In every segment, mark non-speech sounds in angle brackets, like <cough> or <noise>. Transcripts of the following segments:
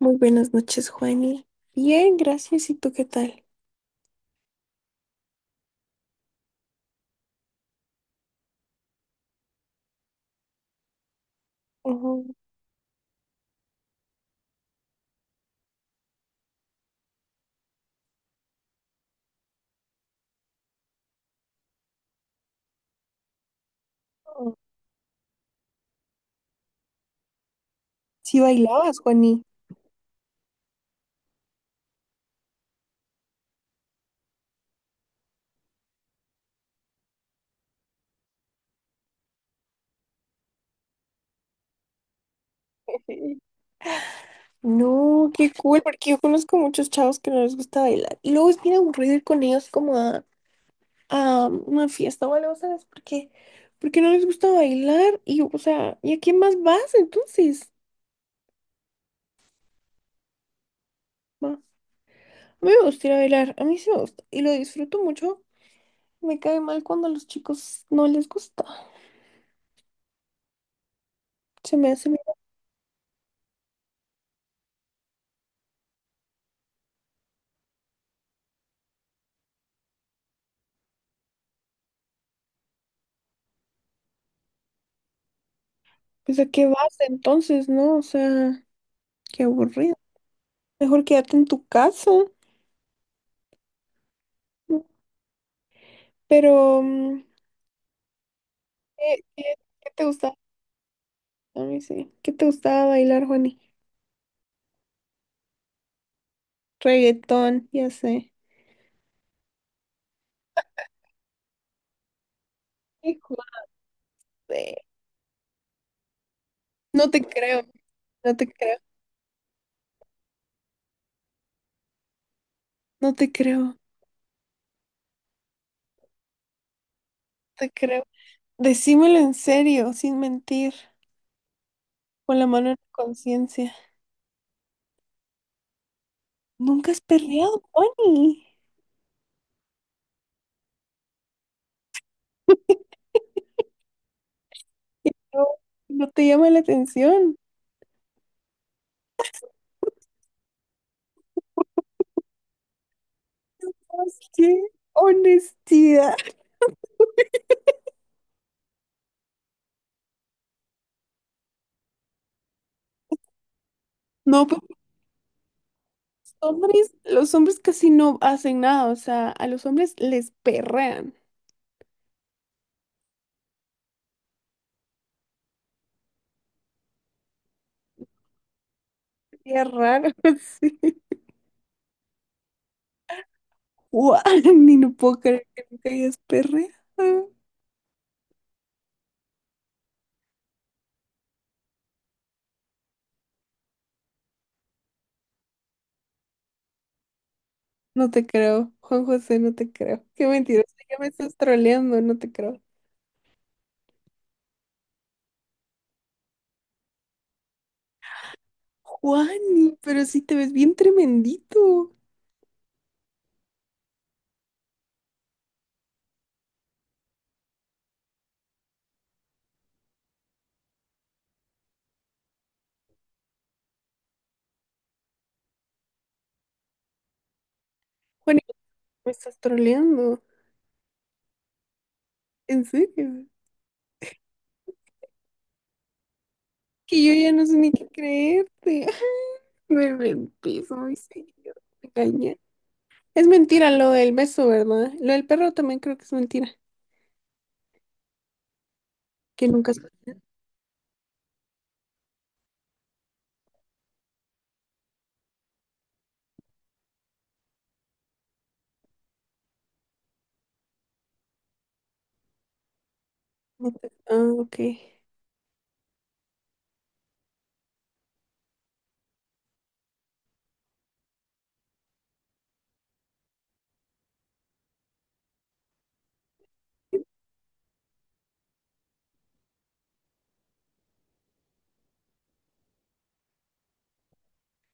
Muy buenas noches, Juani. Bien, gracias. ¿Y tú qué tal? Ujú. Sí bailabas, Juani. <laughs> No, qué cool, porque yo conozco muchos chavos que no les gusta bailar. Y luego es bien aburrido ir con ellos como a una fiesta o algo, ¿sabes? Porque no les gusta bailar y, o sea, ¿y a quién más vas entonces? Va. A mí me gusta ir a bailar, a mí sí me gusta y lo disfruto mucho. Me cae mal cuando a los chicos no les gusta. Se me hace, mira, pues ¿a qué vas entonces, no? O sea, qué aburrido. Mejor quédate en tu casa. Pero, ¿qué, qué- ¿qué te gusta? A mí sí. ¿Qué te gustaba bailar, Juani? Reggaetón, ya sé. Hijo de... No te creo, no te creo, no te creo. No te creo. Decímelo en serio, sin mentir, con la mano en la conciencia. Nunca has perreado, Bonnie. No, no te llama la atención. ¿Sabes? ¡Qué honestidad! No, pero los hombres casi no hacen nada. O sea, a los hombres les perrean. Qué raro, <laughs> sí. Guau, ni no puedo creer que nunca hayas perreado. No te creo, Juan José, no te creo. Qué mentiroso, ya me estás troleando, no te creo. Juani, pero sí te ves bien tremendito. Juani, me estás troleando. ¿En serio? Que yo ya no sé ni qué creerte. <laughs> Me mentís, muy serio. Me engañé. Es mentira lo del beso, ¿verdad? Lo del perro también creo que es mentira. Que nunca... has- no te- Ah, ok.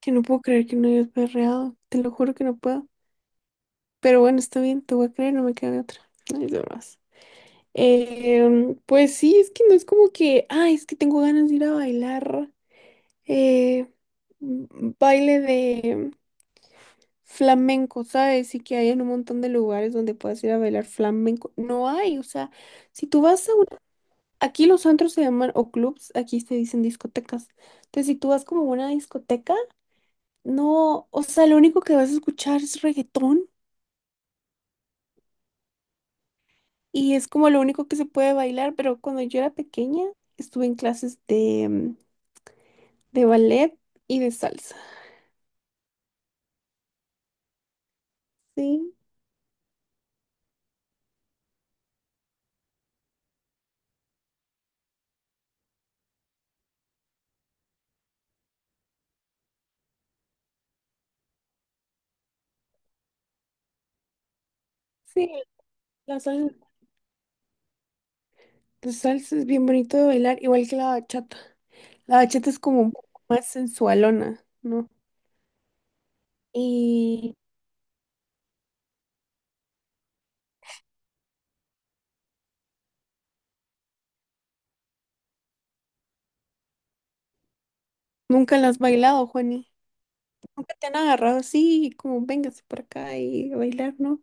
Que no puedo creer que no hayas perreado. Te lo juro que no puedo. Pero bueno, está bien, te voy a creer, no me queda de otra. Ay, de más. Pues sí, es que no es como que, ay, es que tengo ganas de ir a bailar. eh, Baile de flamenco, ¿sabes? Y que hay en un montón de lugares donde puedes ir a bailar flamenco. No hay, o sea, si tú vas a una... Aquí los antros se llaman o clubs, aquí se dicen discotecas. Entonces, si tú vas como a una discoteca, no, o sea, lo único que vas a escuchar es reggaetón y es como lo único que se puede bailar, pero cuando yo era pequeña estuve en clases de, de ballet y de salsa. Sí, sí, la salsa. La salsa es bien bonito de bailar, igual que la bachata. La bachata es como un poco más sensualona, ¿no? Y nunca la has bailado, Juani. Nunca te han agarrado así, como véngase por acá y a bailar, ¿no?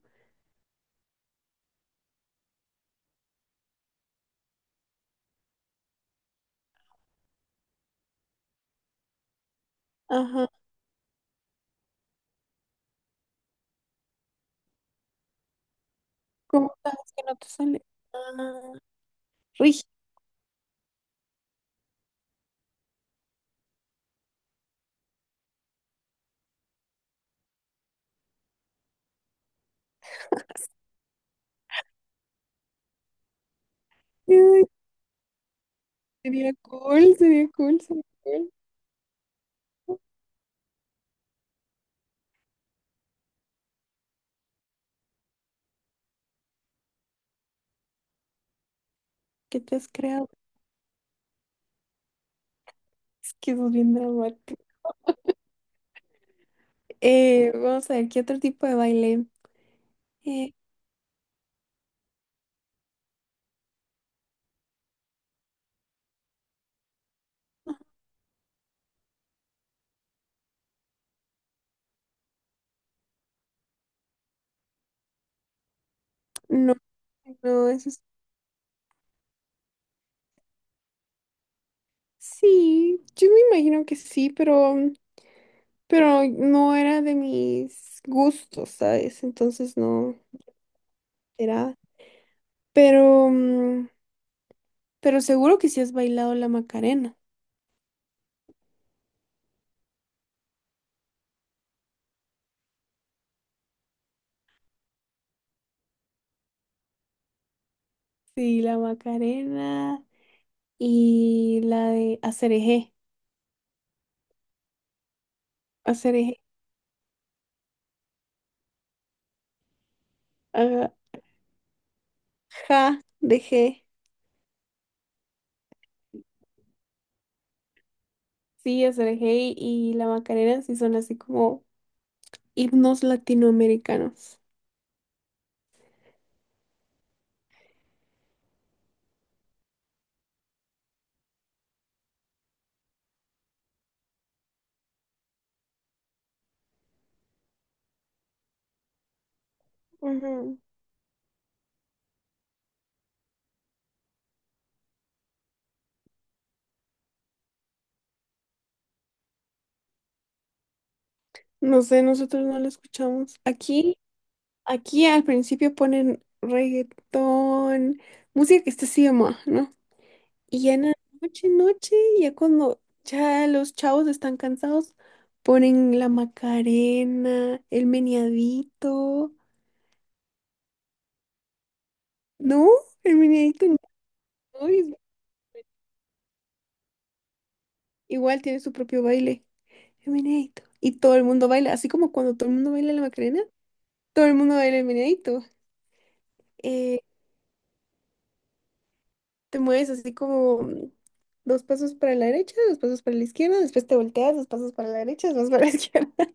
Ajá. ¿Cómo sabes que no te sale? Ah, rígido. Ay, sería cool, sería cool, sería cool. ¿Qué te has creado? Es que sos bien dramático. Vamos a ver, ¿qué otro tipo de baile? Eh, no, no, eso es... Sí, yo me imagino que sí, pero no era de mis gustos, ¿sabes? Entonces no era. Pero, pero seguro que sí has bailado la Macarena. Sí, la Macarena y la de Acerejé. Acerejé. Ajá. Ja, de G. Sí, Acerejé y la Macarena sí son así como himnos latinoamericanos. Ujú. No sé, nosotros no lo escuchamos. Aquí, aquí al principio ponen reggaetón, música que está así de moda, ¿no? Y ya en la noche, noche, ya cuando ya los chavos están cansados, ponen la Macarena, el meneadito. No, el meneadito no, igual tiene su propio baile, el meneadito. Y todo el mundo baila, así como cuando todo el mundo baila la Macarena, todo el mundo baila el meneadito. Eh, Te mueves así como dos pasos para la derecha, dos pasos para la izquierda, después te volteas, dos pasos para la derecha, dos pasos para la <laughs> izquierda.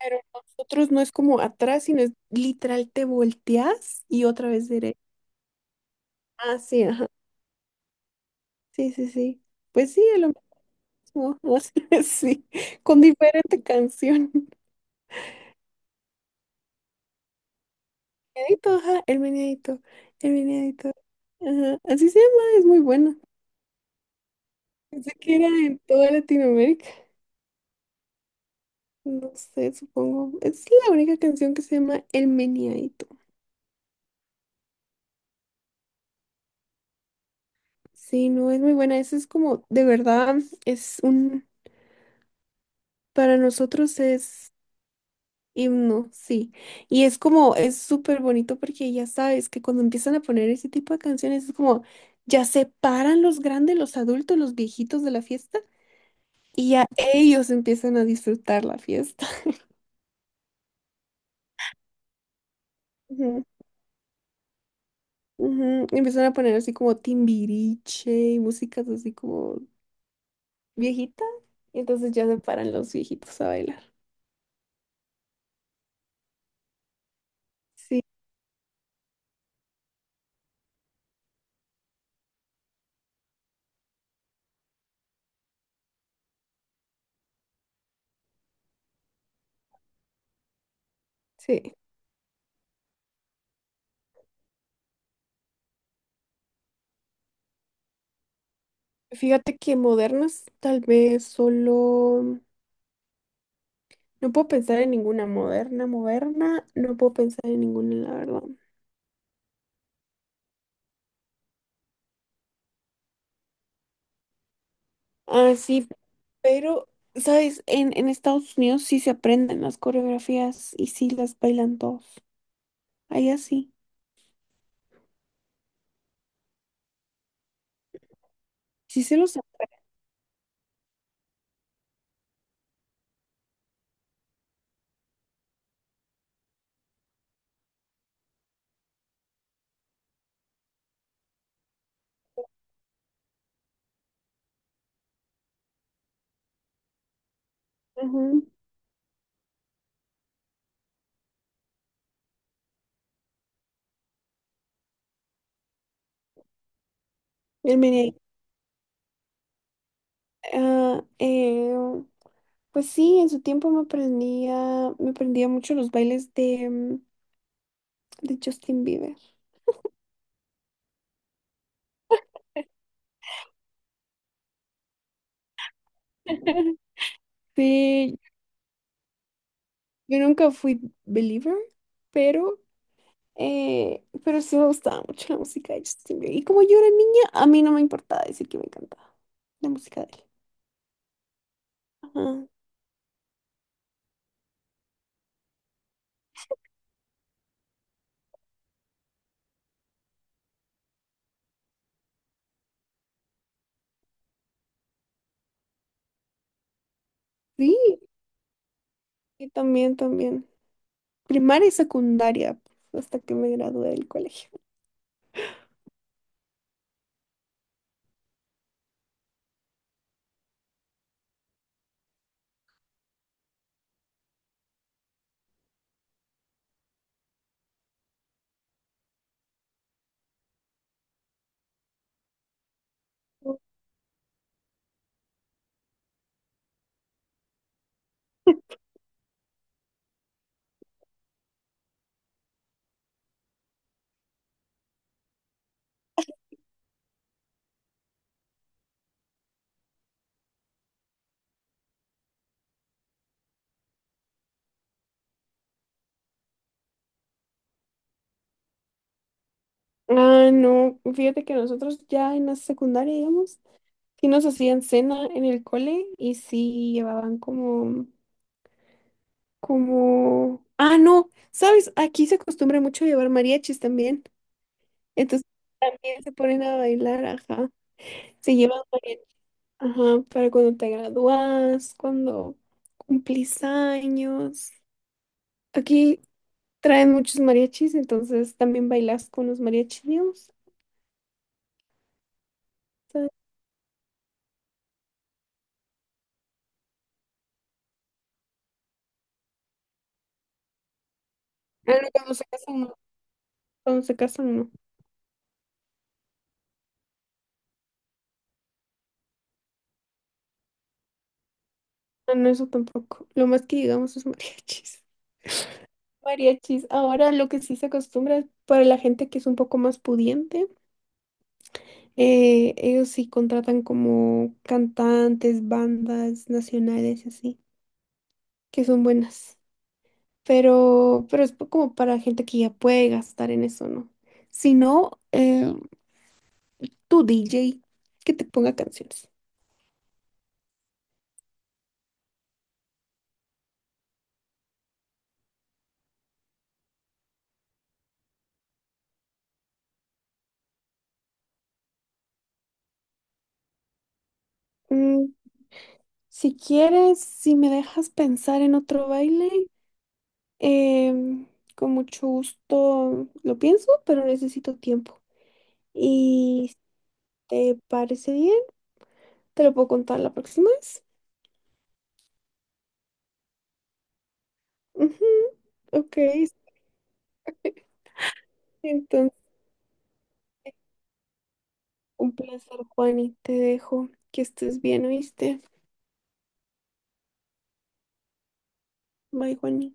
Pero nosotros no es como atrás, sino es literal te volteas y otra vez derecha. Ah, sí, ajá. Sí, sí, sí. Pues sí, es lo mismo. <laughs> Así, es, sí, con diferente canción. Meneadito, ajá, el meneadito. Ajá, así se llama, es muy bueno. Pensé que era en toda Latinoamérica. No sé, supongo. Es la única canción que se llama El Meneadito. Sí, no, es muy buena. Eso es como, de verdad, es un, para nosotros es himno, sí. Y es como, es súper bonito porque ya sabes que cuando empiezan a poner ese tipo de canciones es como, ya se paran los grandes, los adultos, los viejitos de la fiesta y ya ellos empiezan a disfrutar la fiesta. <laughs> Ujú, Ujú. Empiezan a poner así como timbiriche y músicas así como viejita. Y entonces ya se paran los viejitos a bailar. Sí, sí. Fíjate que modernas, tal vez solo... No puedo pensar en ninguna moderna, moderna. No puedo pensar en ninguna, la verdad. Ah, sí, pero, ¿sabes? En Estados Unidos sí se aprenden las coreografías y sí las bailan todos. Allá sí. Sí se los... Ajá. El merengue, ah, eh, pues sí, en su tiempo me aprendía mucho los bailes de, de Justin Bieber. <laughs> Sí, yo nunca fui believer, pero pero sí me gustaba mucho la música de Justin Bieber. Y como yo era niña, a mí no me importaba decir que me encantaba la música de él. Ajá. Sí, y también. Primaria y secundaria, pues, hasta que me gradué del colegio. Ah, no, fíjate que nosotros ya en la secundaria, digamos, sí nos hacían cena en el cole y sí llevaban como, ah, no, sabes, aquí se acostumbra mucho llevar mariachis también, entonces también se ponen a bailar, ajá, se llevan mariachis, ajá, para cuando te gradúas, cuando cumplís años, aquí traen muchos mariachis, entonces también bailas con los mariachis, digamos, ¿sabes? Ah, no, cuando se casan, no, cuando se casan, no. Ah, no, eso tampoco. Lo más que digamos es mariachis. <laughs> Mariachis. Ahora lo que sí se acostumbra para la gente que es un poco más pudiente, ellos sí contratan como cantantes, bandas nacionales y así, que son buenas. Pero es como para gente que ya puede gastar en eso, ¿no? Si no, tu DJ que te ponga canciones. Mm, si quieres, si me dejas pensar en otro baile. Em, con mucho gusto lo pienso, pero necesito tiempo. Y si te parece bien, te lo puedo contar la próxima vez. Ujú, Ok, sí, entonces un placer, Juani. Te dejo. Que estés bien, ¿oíste? Bye, Juani.